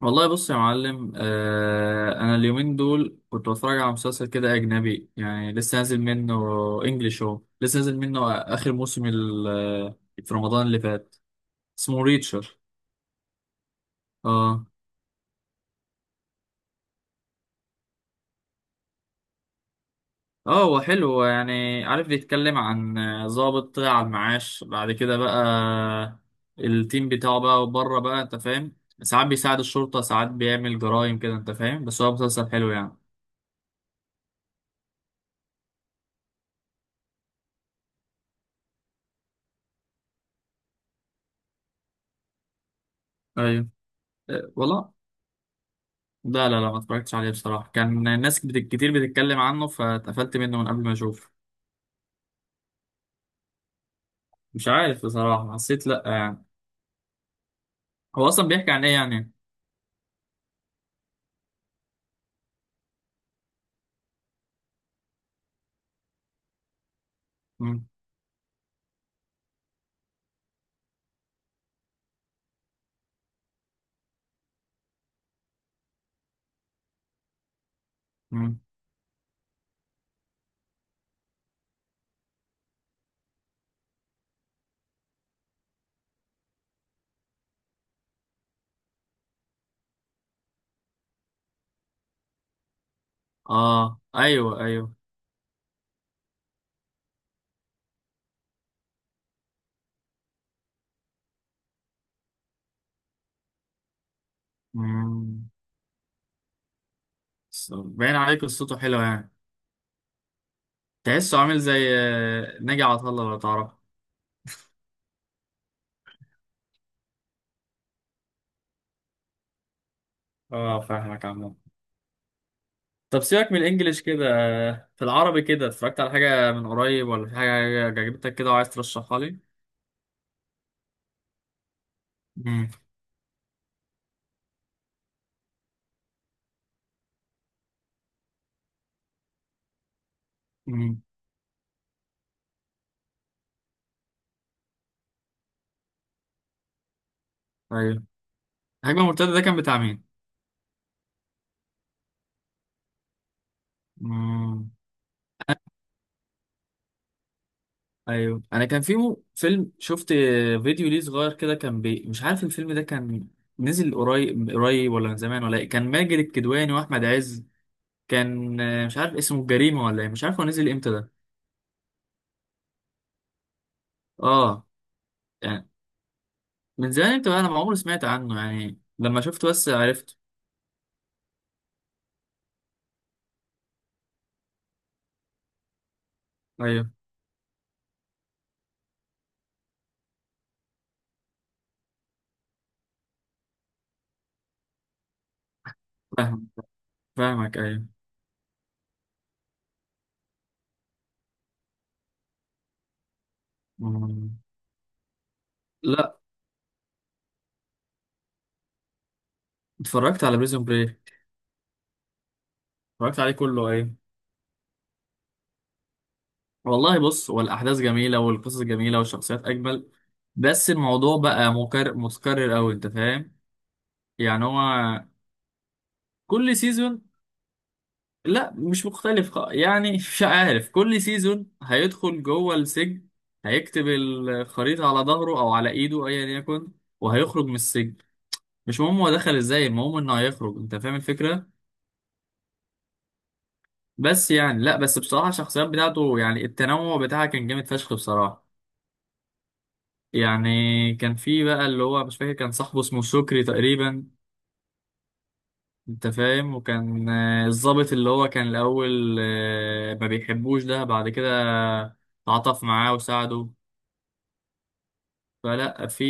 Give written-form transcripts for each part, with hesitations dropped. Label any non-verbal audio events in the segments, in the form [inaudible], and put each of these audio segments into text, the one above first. والله بص يا معلم انا اليومين دول كنت بتفرج على مسلسل كده اجنبي يعني لسه نازل منه انجلش. هو لسه نازل منه اخر موسم في رمضان اللي فات. اسمه ريتشر. اه اه. هو حلو، هو يعني عارف بيتكلم عن ضابط طلع على المعاش، بعد كده بقى التيم بتاعه بقى بره، بقى انت فاهم ساعات بيساعد الشرطة ساعات بيعمل جرائم كده، انت فاهم، بس هو مسلسل حلو يعني. ايوه. والله لا ما اتفرجتش عليه بصراحة، كان ناس كتير بتتكلم عنه، فاتقفلت منه من قبل ما اشوف. مش عارف بصراحة، حسيت لا يعني. هو اصلا بيحكي عن ايه يعني؟ مم. مم. اه ايوه ايوه. مم. بس باين عليه قصته حلوة يعني. تحسه عامل زي ناجي عطا الله لو تعرفه. اه فاهمك عمو. طب سيبك من الانجليش كده، في العربي كده اتفرجت على حاجة من قريب، ولا في حاجة عجبتك كده وعايز ترشحها لي؟ مم. مم. ايوه. الهجمة المرتدة ده كان بتاع مين؟ مم. ايوه، انا كان في فيلم شفت فيديو ليه صغير كده كان مش عارف الفيلم ده كان نزل قريب قريب ولا من زمان ولا ايه، كان ماجد الكدواني واحمد عز، كان مش عارف اسمه الجريمه ولا ايه، مش عارف هو نزل امتى ده. اه. يعني من زمان امتى بقى؟ انا ما عمري سمعت عنه، يعني لما شفته بس عرفته. ايوه فاهم. فاهمك ايوه. مم. لا، اتفرجت على بريزون بريك. اتفرجت عليه كله ايوه. والله بص، هو الأحداث جميلة والقصص جميلة والشخصيات أجمل، بس الموضوع بقى مكرر متكرر أوي أنت فاهم. يعني هو كل سيزون، لا مش مختلف. يعني [laughs] مش عارف، كل سيزون هيدخل جوه السجن، هيكتب الخريطة على ظهره أو على إيده أيا يكن، وهيخرج من السجن. مش مهم هو دخل إزاي، المهم إنه هيخرج، أنت فاهم الفكرة. بس يعني لا، بس بصراحة الشخصيات بتاعته، يعني التنوع بتاعها كان جامد فشخ بصراحة. يعني كان في بقى اللي هو مش فاكر، كان صاحبه اسمه شكري تقريبا، انت فاهم، وكان الضابط اللي هو كان الاول ما بيحبوش، ده بعد كده تعاطف معاه وساعده. فلا، في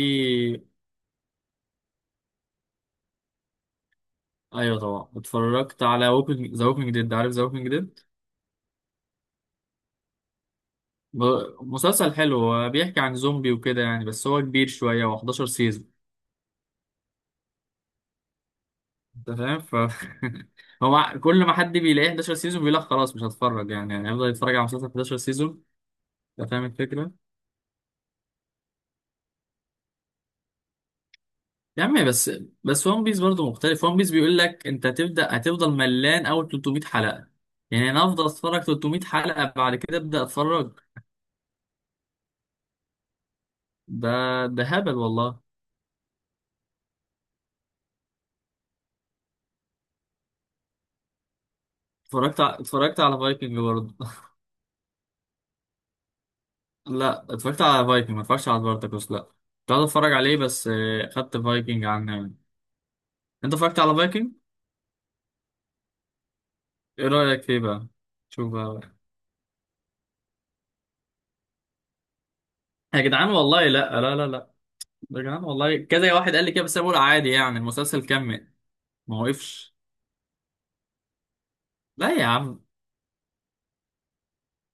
ايوه طبعا، اتفرجت على ووكينج، ذا ووكينج ديد، عارف ذا ووكينج ديد؟ مسلسل حلو، هو بيحكي عن زومبي وكده يعني، بس هو كبير شويه، و11 سيزون، انت فاهم. ف [laughs] هو كل ما حد بيلاقيه 11 سيزون بيقول لك خلاص مش هتفرج يعني، يعني هيفضل يتفرج على مسلسل 11 سيزون؟ انت فاهم الفكره. يا عم بس، ون بيس برضه مختلف. ون بيس بيقول لك انت هتبدا هتفضل ملان اول 300 حلقه. يعني انا افضل اتفرج 300 حلقه بعد كده ابدا اتفرج؟ ده ده هبل والله. اتفرجت على فايكنج برضه. [laughs] لا اتفرجت على فايكنج، ما اتفرجتش على سبارتاكوس لا، كنت عايز اتفرج عليه بس خدت فايكنج عنه يعني. انت اتفرجت على فايكنج؟ ايه رايك فيه بقى؟ شوف بقى. يا جدعان والله لا. يا جدعان والله، كذا واحد قال لي كده، بس انا بقول عادي يعني المسلسل كمل، ما وقفش. لا يا عم.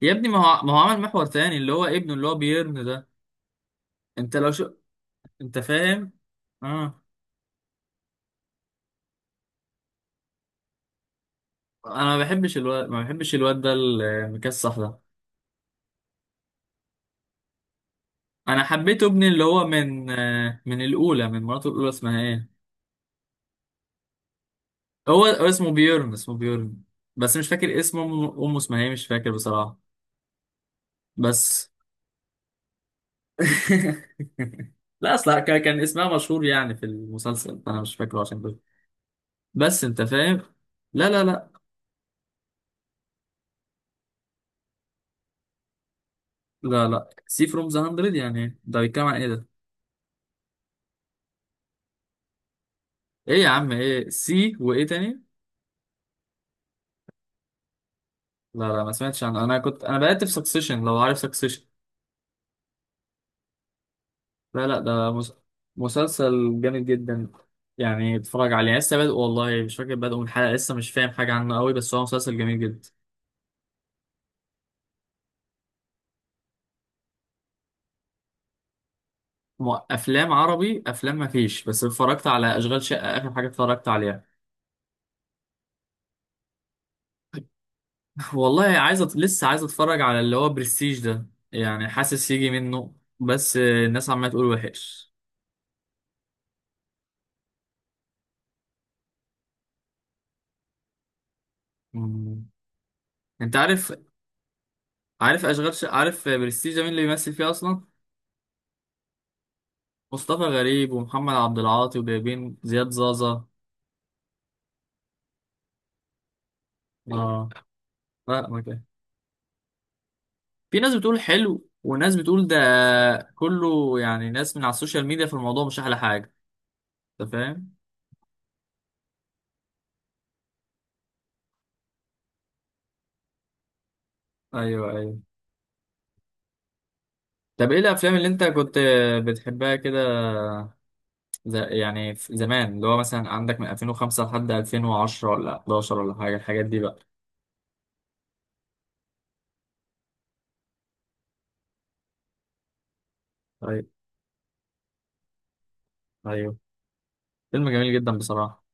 يا ابني ما هو عمل محور تاني، اللي هو ابنه اللي هو بيرن ده. انت لو شو انت فاهم. اه، انا ما بحبش الواد، ما بحبش الواد المكسح ده. انا حبيت ابني اللي هو من من الاولى، من مراته الاولى اسمها ايه؟ هو اسمه بيرن، اسمه بيرن، بس مش فاكر اسمه، امه، أمه اسمها ايه مش فاكر بصراحة. بس [laughs] لا، اصلا كان اسمها مشهور يعني في المسلسل، فانا مش فاكره عشان كده. بس انت فاهم. لا لا لا لا سي فروم ذا 100، يعني ده بيتكلم عن ايه ده؟ ايه يا عم ايه سي وايه تاني؟ لا لا، ما سمعتش عنه، انا كنت انا بقيت في سكسيشن، لو عارف سكسيشن. لا لا مسلسل جامد جدا، يعني اتفرج عليه لسه بادئ والله، مش فاكر بادئ من حلقة، لسه مش فاهم حاجة عنه قوي، بس هو مسلسل جميل جدا. افلام عربي، افلام ما فيش، بس اتفرجت على اشغال شقة اخر حاجة اتفرجت عليها. [laughs] والله عايز لسه عايز اتفرج على اللي هو برستيج ده، يعني حاسس يجي منه، بس الناس عمالة تقول وحش. مم. انت عارف، عارف عارف برستيجة مين اللي بيمثل فيه اصلا؟ مصطفى غريب ومحمد عبد العاطي وجايبين زياد زازا. اه. لا ما كان، في ناس بتقول حلو وناس بتقول ده كله يعني، ناس من على السوشيال ميديا، في الموضوع مش احلى حاجة، انت فاهم. ايوه ايوه. طب ايه الافلام اللي انت كنت بتحبها كده؟ يعني في زمان اللي هو مثلا عندك من 2005 لحد 2010 ولا 11 ولا حاجة، الحاجات دي بقى. ايوه ايوه. فيلم جميل جدا بصراحة.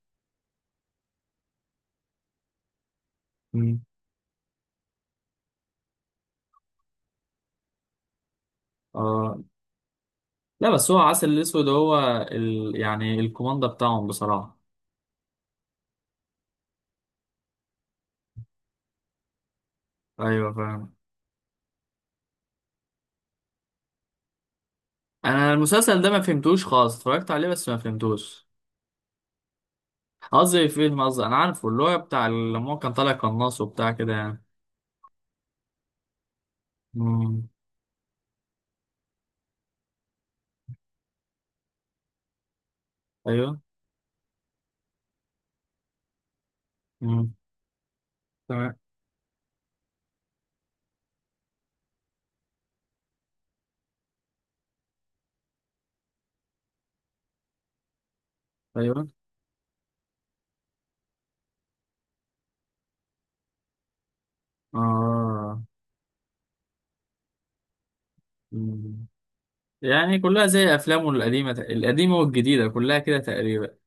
مم. اه. لا بس هو عسل الاسود، هو يعني الكوماندا بتاعهم بصراحة. ايوه فاهم. انا المسلسل ده ما فهمتوش خالص، اتفرجت عليه بس ما فهمتوش. قصدي فيلم، قصدي انا عارفه اللي هو بتاع لما هو كان طالع قناص وبتاع كده يعني. مم. ايوه. مم. تمام. ايوه. اه. مم. يعني كلها زي افلامه القديمة، القديمة والجديدة كلها كده تقريبا.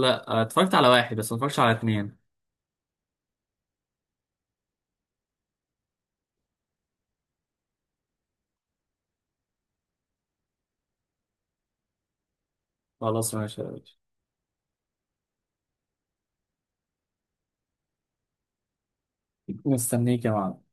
لا اتفرجت على واحد، بس ما اتفرجتش على اتنين. خلاص ماشي يا باشا. مستنيك يا معلم.